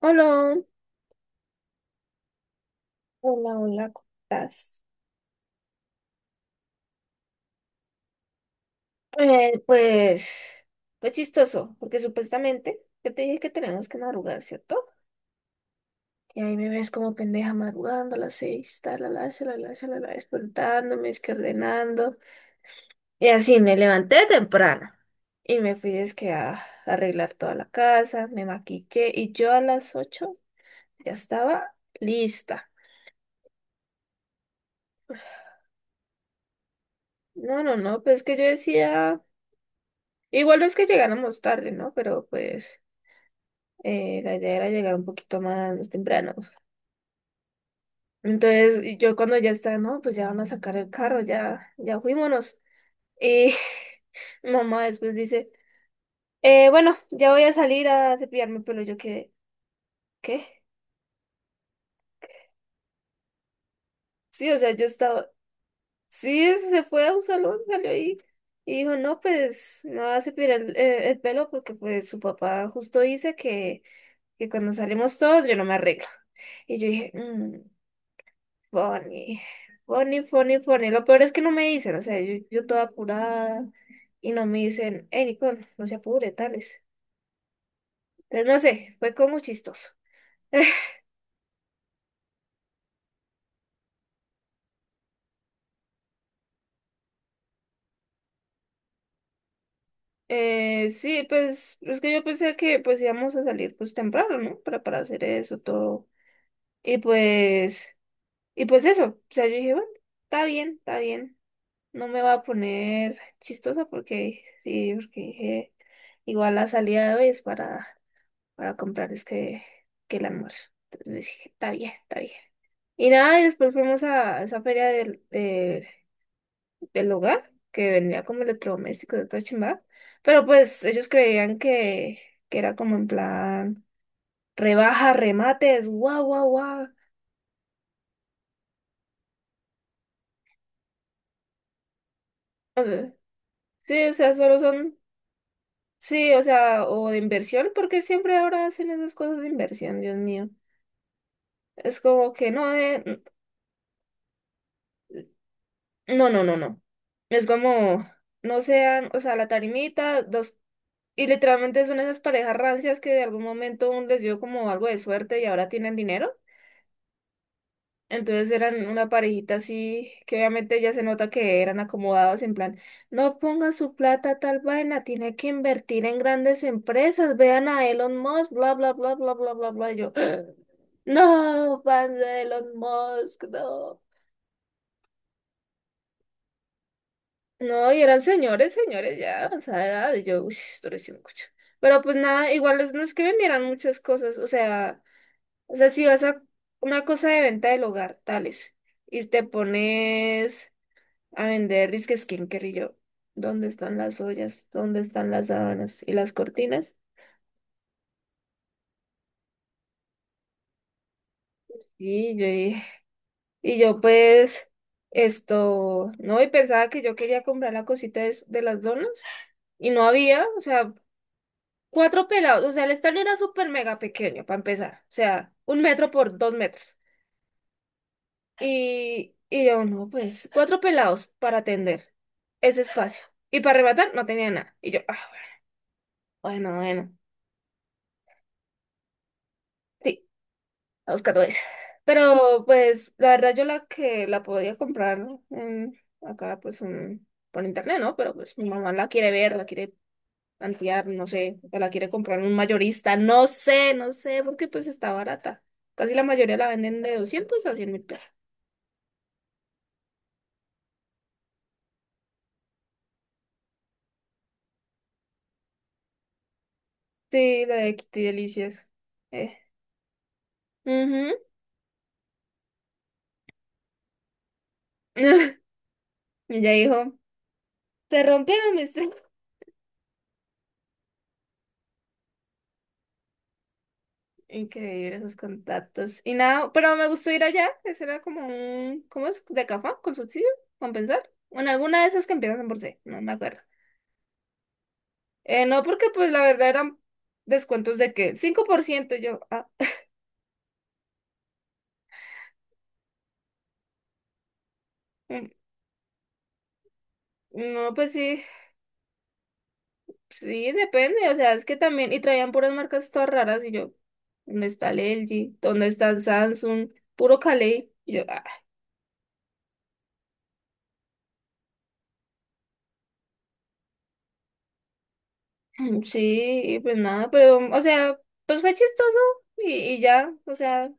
Hola, hola, hola, ¿cómo estás? Pues fue chistoso, porque supuestamente yo te dije que tenemos que madrugar, ¿cierto? Y ahí me ves como pendeja madrugando a las 6, talalá, la talalá, despertándome, es que ordenando. Y así me levanté temprano y me fui es que a arreglar toda la casa, me maquillé y yo a las 8 ya estaba lista. No, no, no, pues que yo decía, igual no es que llegáramos tarde, ¿no? Pero pues. La idea era llegar un poquito más temprano. Entonces, y yo cuando ya está, no, pues ya van a sacar el carro, ya, ya fuímonos. Y mi mamá después dice, "Bueno, ya voy a salir a cepillarme el pelo. Yo quedé, ¿qué?" Sí, o sea, yo estaba, sí, se fue a un salón, salió ahí. Y dijo, no, pues no va a cepillar el pelo porque pues su papá justo dice que cuando salimos todos yo no me arreglo. Y yo dije, "Mm". Funny, funny, funny, funny. Lo peor es que no me dicen, o sea, yo toda apurada y no me dicen, hey, Nicole, no se apure, tales. Pero no sé, fue como chistoso. Sí, pues es que yo pensé que pues íbamos a salir pues temprano, ¿no? Para hacer eso todo. Y pues, y pues eso, o sea, yo dije, bueno, está bien, está bien. No me va a poner chistosa porque, sí, porque dije, igual la salida de hoy es para comprarles que el almuerzo. Entonces dije, está bien, está bien. Y nada, y después fuimos a esa feria del hogar, que vendía como electrodomésticos de toda chimba. Pero pues ellos creían que era como en plan rebaja, remates, guau, guau, guau. Eh, Sí o sea, solo son, sí, o sea, o de inversión, porque siempre ahora hacen esas cosas de inversión, Dios mío. Es como que no, no, no, no, no. Es como, no sean, o sea, la tarimita, dos, y literalmente son esas parejas rancias que de algún momento un les dio como algo de suerte y ahora tienen dinero. Entonces eran una parejita así, que obviamente ya se nota que eran acomodados en plan, no ponga su plata a tal vaina, tiene que invertir en grandes empresas, vean a Elon Musk, bla, bla, bla, bla, bla, bla, bla. Y yo, no, pan de Elon Musk, no. No, y eran señores, señores, ya de avanzada edad, y yo, uy, esto lo hice mucho. Pero pues nada, igual es- no es que vendieran muchas cosas, o sea, si vas a una cosa de venta del hogar, tales, y te pones a vender disque skincare y yo, ¿dónde están las ollas? ¿Dónde están las sábanas y las cortinas? Y yo, dije- y, yo pues, esto, no, y pensaba que yo quería comprar la cosita de las donas, y no había, o sea, cuatro pelados, o sea, el estadio era súper mega pequeño para empezar, o sea, un metro por dos metros. Y yo, no, pues, cuatro pelados para atender ese espacio. Y para arrebatar no tenía nada. Y yo, ah, bueno, bueno, sí, a buscar eso. Pero, pues, la verdad yo la que la podía comprar, ¿no? En- acá, pues, un- por internet, ¿no? Pero, pues, mi mamá la quiere ver, la quiere tantear, no sé, o la quiere comprar un mayorista, no sé, no sé, porque pues está barata. Casi la mayoría la venden de 200 a 100.000 pesos. Sí, la de Kitty Delicias. Eh. Ujú. Y ya dijo, se rompieron mis... tre-". Increíble esos contactos. Y nada, pero me gustó ir allá. Ese era como un... ¿Cómo es? ¿De café? ¿Con subsidio? ¿Compensar? Bueno, alguna de esas que empiezan en por C, no me acuerdo. No, porque pues la verdad eran descuentos de que 5% yo... Ah, mm, no, pues sí. Sí, depende, o sea, es que también, y traían puras marcas todas raras, y yo, ¿dónde está el LG? ¿Dónde está el Samsung? Puro Calais. Y yo, ah, Mm, sí, y pues nada, pero, o sea, pues fue chistoso, y ya, o sea,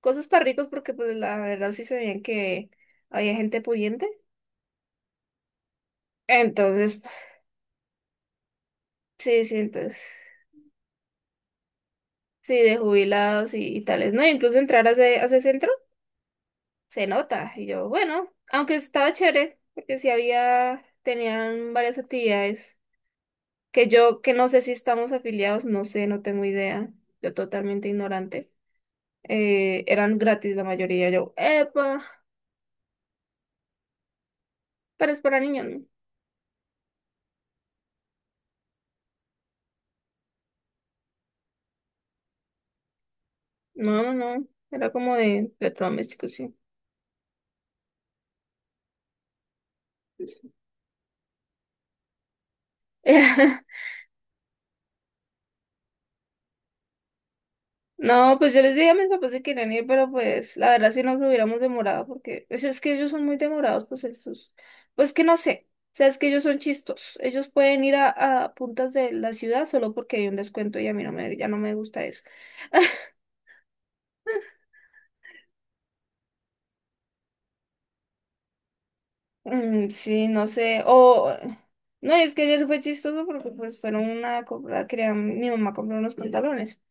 cosas para ricos, porque pues la verdad sí se veían que había gente pudiente. Entonces, sí, sí, entonces, sí, de jubilados y tales, ¿no? Incluso entrar a ese centro. Se nota. Y yo, bueno, aunque estaba chévere, porque sí había, tenían varias actividades que yo, que no sé si estamos afiliados, no sé, no tengo idea. Yo totalmente ignorante. Eran gratis la mayoría. Yo, epa, pero es para niños, ¿no? No, no, no. Era como de electrodomésticos, sí. No, pues yo les dije a mis papás que querían ir, pero pues la verdad si nos hubiéramos demorado, porque es que ellos son muy demorados, pues esos, pues que no sé, o sea, es que ellos son chistos, ellos pueden ir a, puntas de la ciudad solo porque hay un descuento y a mí no me, ya no me gusta eso. Mm, sí, no sé, o, no, es que ayer fue chistoso porque pues fueron a comprar, querían, mi mamá compró unos pantalones.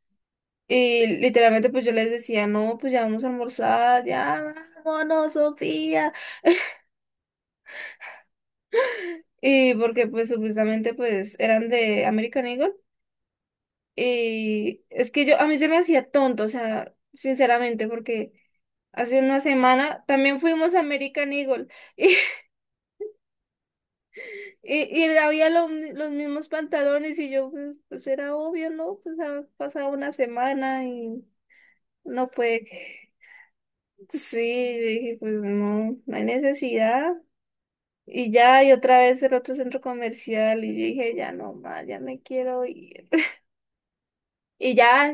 Y literalmente pues yo les decía, no, pues ya vamos a almorzar, ya vámonos, Sofía. Y porque pues supuestamente pues eran de American Eagle. Y es que yo, a mí se me hacía tonto, o sea, sinceramente, porque hace una semana también fuimos a American Eagle y, y había lo mi- los mismos pantalones y yo pues, pues, era obvio, ¿no? Pues ha pasado una semana y no puede. Sí, yo dije, pues no, no hay necesidad. Y ya, y otra vez el otro centro comercial y yo dije, ya no más, ya me quiero ir. Y ya.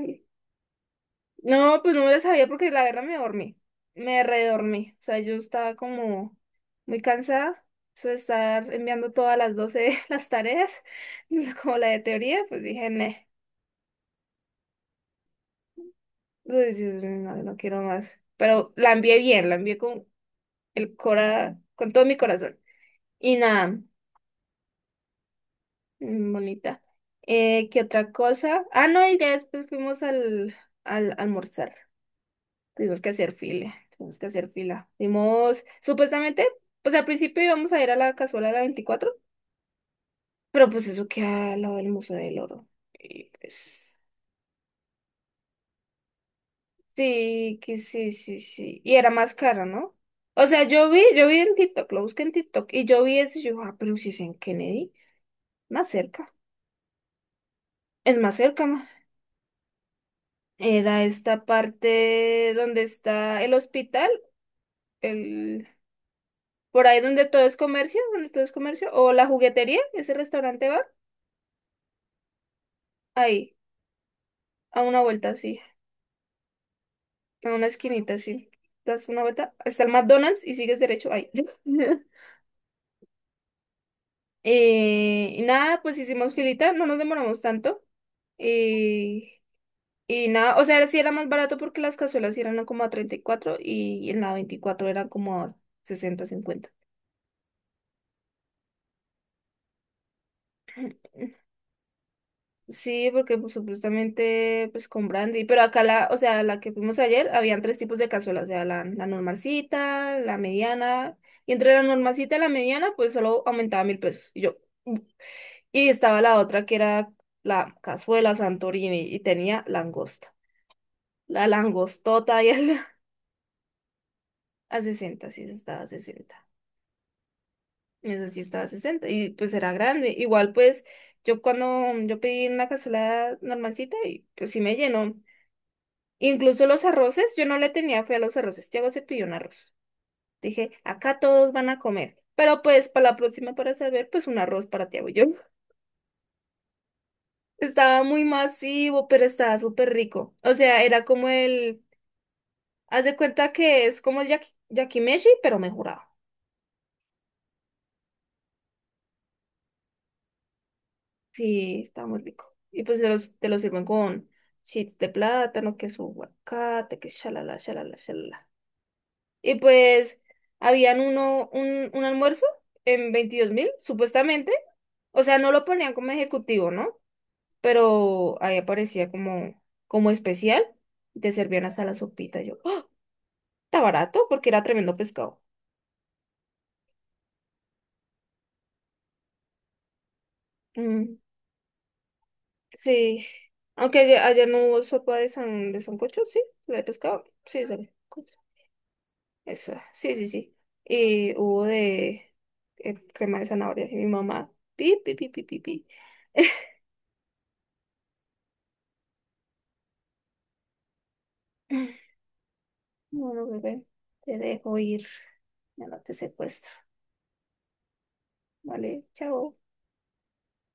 No, pues no me la sabía porque la verdad me dormí. Me redormí. O sea, yo estaba como muy cansada. Eso de estar enviando todas las 12 las tareas, como la de teoría, pues dije, "Neh". Uy, sí, sí, no, no quiero más. Pero la envié bien, la envié con el cora, con todo mi corazón. Y nada, mm, bonita. ¿Qué otra cosa? Ah, no, y ya después fuimos al, al almorzar. Tuvimos que hacer fila, tuvimos que hacer fila. Dimos, supuestamente, pues al principio íbamos a ir a la cazuela de la 24, pero pues eso queda al lado del Museo del Oro. Y pues, sí, que sí, sí, sí. Y era más cara, ¿no? O sea, yo vi en TikTok, lo busqué en TikTok, y yo vi eso y yo, ah, pero si es en Kennedy, más cerca, es más cerca, ma. Era esta parte donde está el hospital, el, por ahí donde todo es comercio, donde todo es comercio, o la juguetería, ese restaurante va. Ahí, a una vuelta, sí. A una esquinita, sí. Das una vuelta hasta el McDonald's y sigues derecho ahí. Y nada, pues hicimos filita, no nos demoramos tanto. Y, y nada, o sea, era- sí era más barato porque las cazuelas sí eran como a 34 y en la 24 eran como a 60, 50. Sí, porque pues, supuestamente pues con brandy, pero acá la, o sea, la que fuimos ayer, habían tres tipos de cazuela, o sea, la normalcita, la mediana, y entre la normalcita y la mediana, pues solo aumentaba 1.000 pesos. Y yo, "Mm". Y estaba la otra que era la cazuela Santorini y tenía langosta. La langostota y el, a 60 sí, estaba a 60. Esa sí estaba a 60 y pues era grande. Igual pues yo cuando yo pedí una cazuela normalcita y pues sí me llenó. Incluso los arroces, yo no le tenía fe a los arroces. Tiago se pidió un arroz. Dije, acá todos van a comer. Pero pues para la próxima, para saber, pues un arroz para Tiago y yo. Estaba muy masivo, pero estaba súper rico. O sea, era como el... Haz de cuenta que es como el yaki- yakimeshi, pero mejorado. Sí, estaba muy rico. Y pues te los sirven con chips de plátano, que su aguacate, que shalala, shalala, shalala. Y pues habían un almuerzo en 22.000, supuestamente. O sea, no lo ponían como ejecutivo, ¿no? Pero ahí aparecía como, como especial. Y te servían hasta la sopita. Yo, ¡oh! Está barato porque era tremendo pescado. Mm, sí. Aunque allá, allá no hubo sopa de sancocho, sí, la de pescado. Sí, sale. Esa, sí, sí, sí. Y hubo de crema de zanahoria. Y mi mamá, pi, pi, pi, pi, pi, pi. Bueno, bebé, te dejo ir. Ya no te secuestro. Vale, chao.